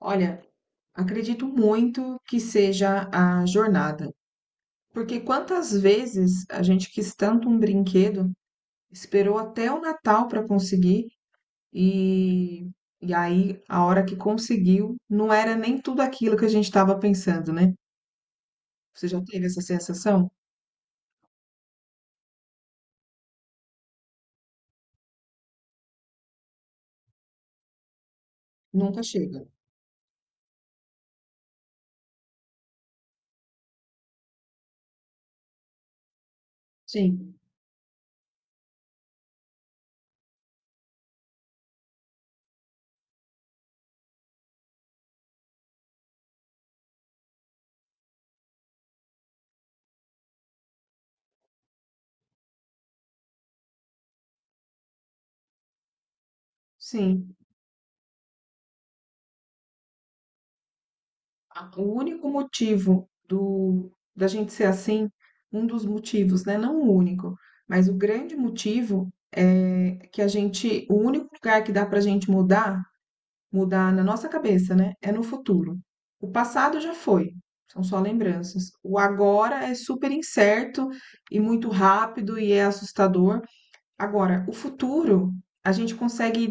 Olha, acredito muito que seja a jornada, porque quantas vezes a gente quis tanto um brinquedo, esperou até o Natal para conseguir e, e aí a hora que conseguiu não era nem tudo aquilo que a gente estava pensando, né? Você já teve essa sensação? Nunca chega. Sim, sim. O único motivo da gente ser assim, um dos motivos, né? Não o único, mas o grande motivo é que a gente, o único lugar que dá pra gente mudar na nossa cabeça, né? É no futuro. O passado já foi, são só lembranças. O agora é super incerto e muito rápido e é assustador. Agora, o futuro a gente consegue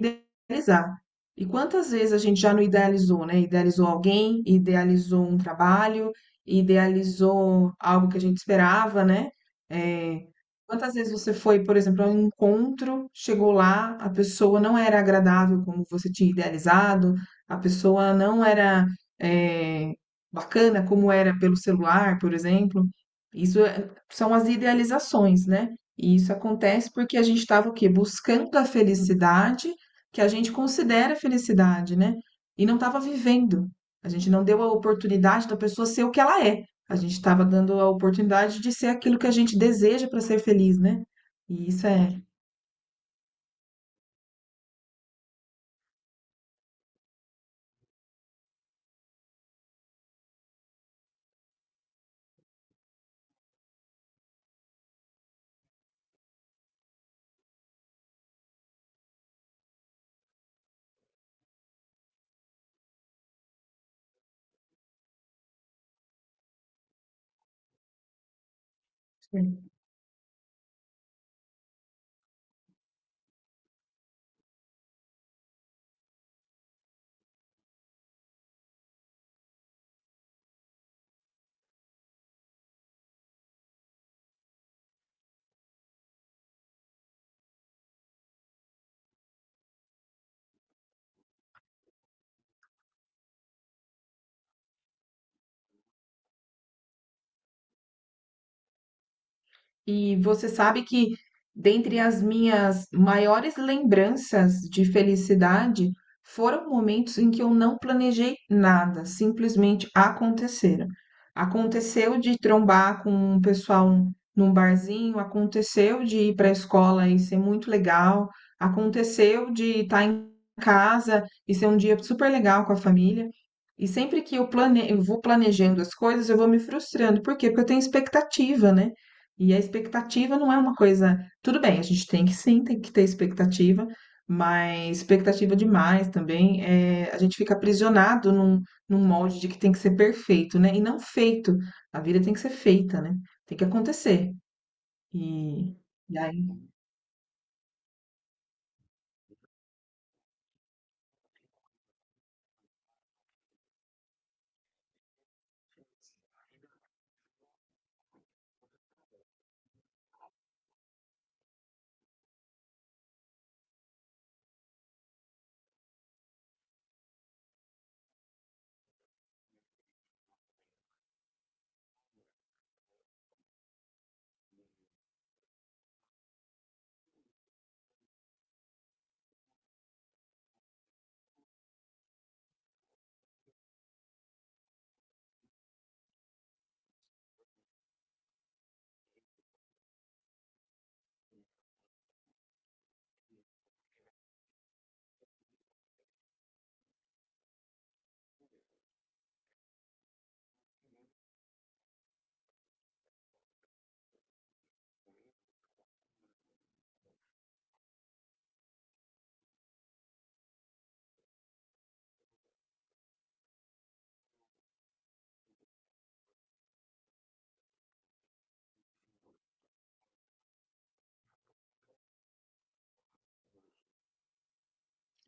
idealizar. E quantas vezes a gente já não idealizou, né? Idealizou alguém, idealizou um trabalho, idealizou algo que a gente esperava, né? É, quantas vezes você foi, por exemplo, a um encontro, chegou lá, a pessoa não era agradável como você tinha idealizado, a pessoa não era, é, bacana como era pelo celular, por exemplo. São as idealizações, né? E isso acontece porque a gente estava o quê? Buscando a felicidade que a gente considera felicidade, né? E não estava vivendo. A gente não deu a oportunidade da pessoa ser o que ela é. A gente estava dando a oportunidade de ser aquilo que a gente deseja para ser feliz, né? E isso é. E você sabe que, dentre as minhas maiores lembranças de felicidade, foram momentos em que eu não planejei nada, simplesmente aconteceram. Aconteceu de trombar com um pessoal num barzinho, aconteceu de ir para a escola e ser muito legal, aconteceu de estar em casa e ser um dia super legal com a família. E sempre que eu eu vou planejando as coisas, eu vou me frustrando. Por quê? Porque eu tenho expectativa, né? E a expectativa não é uma coisa. Tudo bem, a gente tem que sim, tem que ter expectativa, mas expectativa demais também. É, a gente fica aprisionado num molde de que tem que ser perfeito, né? E não feito. A vida tem que ser feita, né? Tem que acontecer. E, e aí.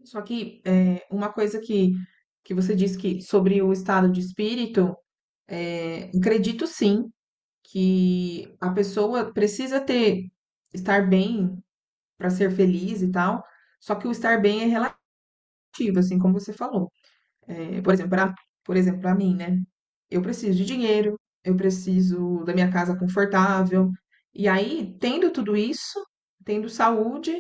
Só que é, uma coisa que você disse que sobre o estado de espírito, é, acredito sim que a pessoa precisa ter estar bem para ser feliz e tal. Só que o estar bem é relativo, assim como você falou. É, por exemplo, para mim, né? Eu preciso de dinheiro, eu preciso da minha casa confortável. E aí, tendo tudo isso, tendo saúde,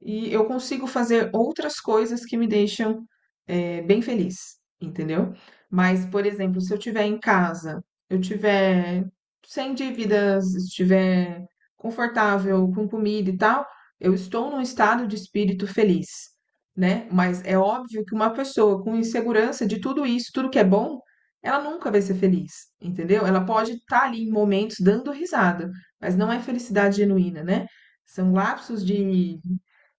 e eu consigo fazer outras coisas que me deixam, bem feliz, entendeu? Mas, por exemplo, se eu estiver em casa, eu tiver sem dívidas, estiver confortável com comida e tal, eu estou num estado de espírito feliz, né? Mas é óbvio que uma pessoa com insegurança de tudo isso, tudo que é bom, ela nunca vai ser feliz, entendeu? Ela pode estar ali em momentos dando risada, mas não é felicidade genuína, né? São lapsos de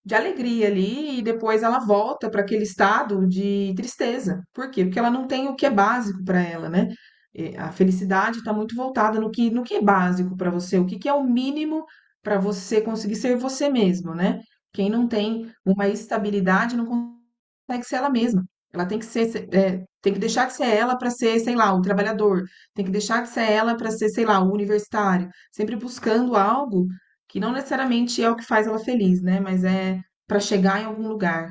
de alegria ali e depois ela volta para aquele estado de tristeza. Por quê? Porque ela não tem o que é básico para ela, né? E a felicidade está muito voltada no que é básico para você, o que é o mínimo para você conseguir ser você mesmo, né? Quem não tem uma estabilidade não consegue ser ela mesma. Ela tem que ser, tem que deixar de ser ela para ser, sei lá, o trabalhador. Tem que deixar de ser ela para ser, sei lá, o universitário. Sempre buscando algo que não necessariamente é o que faz ela feliz, né? Mas é para chegar em algum lugar.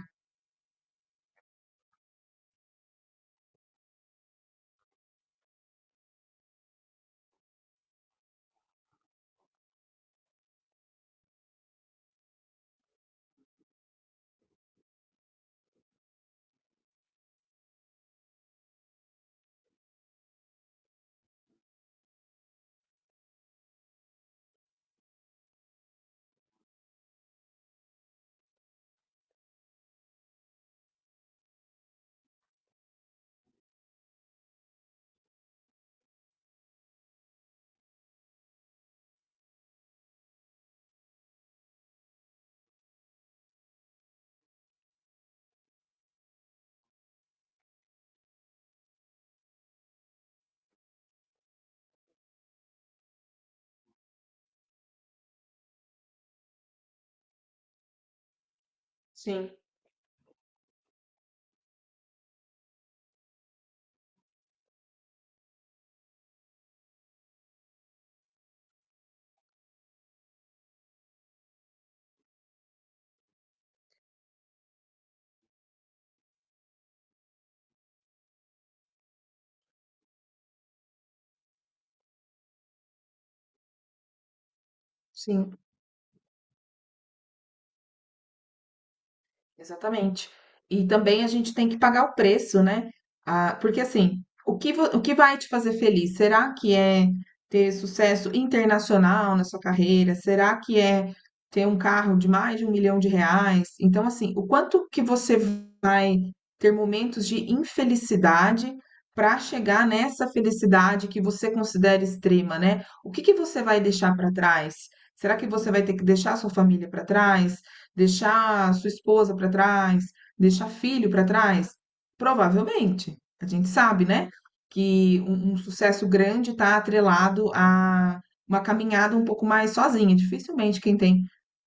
Sim. Sim. Exatamente. E também a gente tem que pagar o preço, né? Ah, porque assim, o que, o que vai te fazer feliz? Será que é ter sucesso internacional na sua carreira? Será que é ter um carro de mais de um milhão de reais? Então, assim, o quanto que você vai ter momentos de infelicidade para chegar nessa felicidade que você considera extrema, né? O que que você vai deixar para trás? Será que você vai ter que deixar sua família para trás? Deixar sua esposa para trás, deixar filho para trás? Provavelmente. A gente sabe, né, que um sucesso grande está atrelado a uma caminhada um pouco mais sozinha. Dificilmente quem tem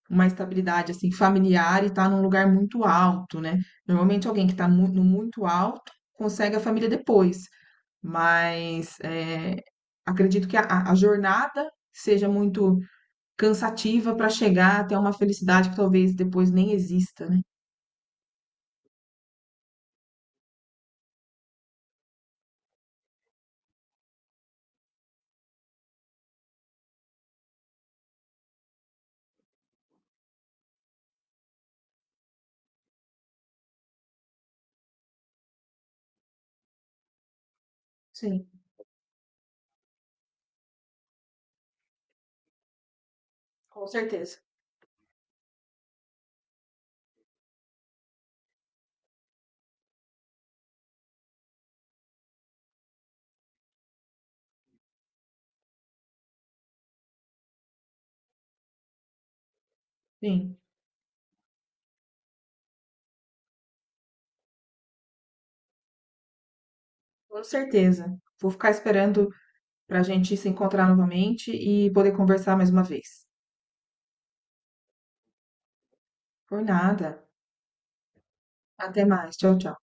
uma estabilidade assim familiar e está num lugar muito alto, né? Normalmente alguém que está no muito alto consegue a família depois, mas acredito que a jornada seja muito cansativa para chegar até uma felicidade que talvez depois nem exista, né? Sim, com certeza. Sim, com certeza. Vou ficar esperando para a gente se encontrar novamente e poder conversar mais uma vez. Por nada. Até mais. Tchau, tchau.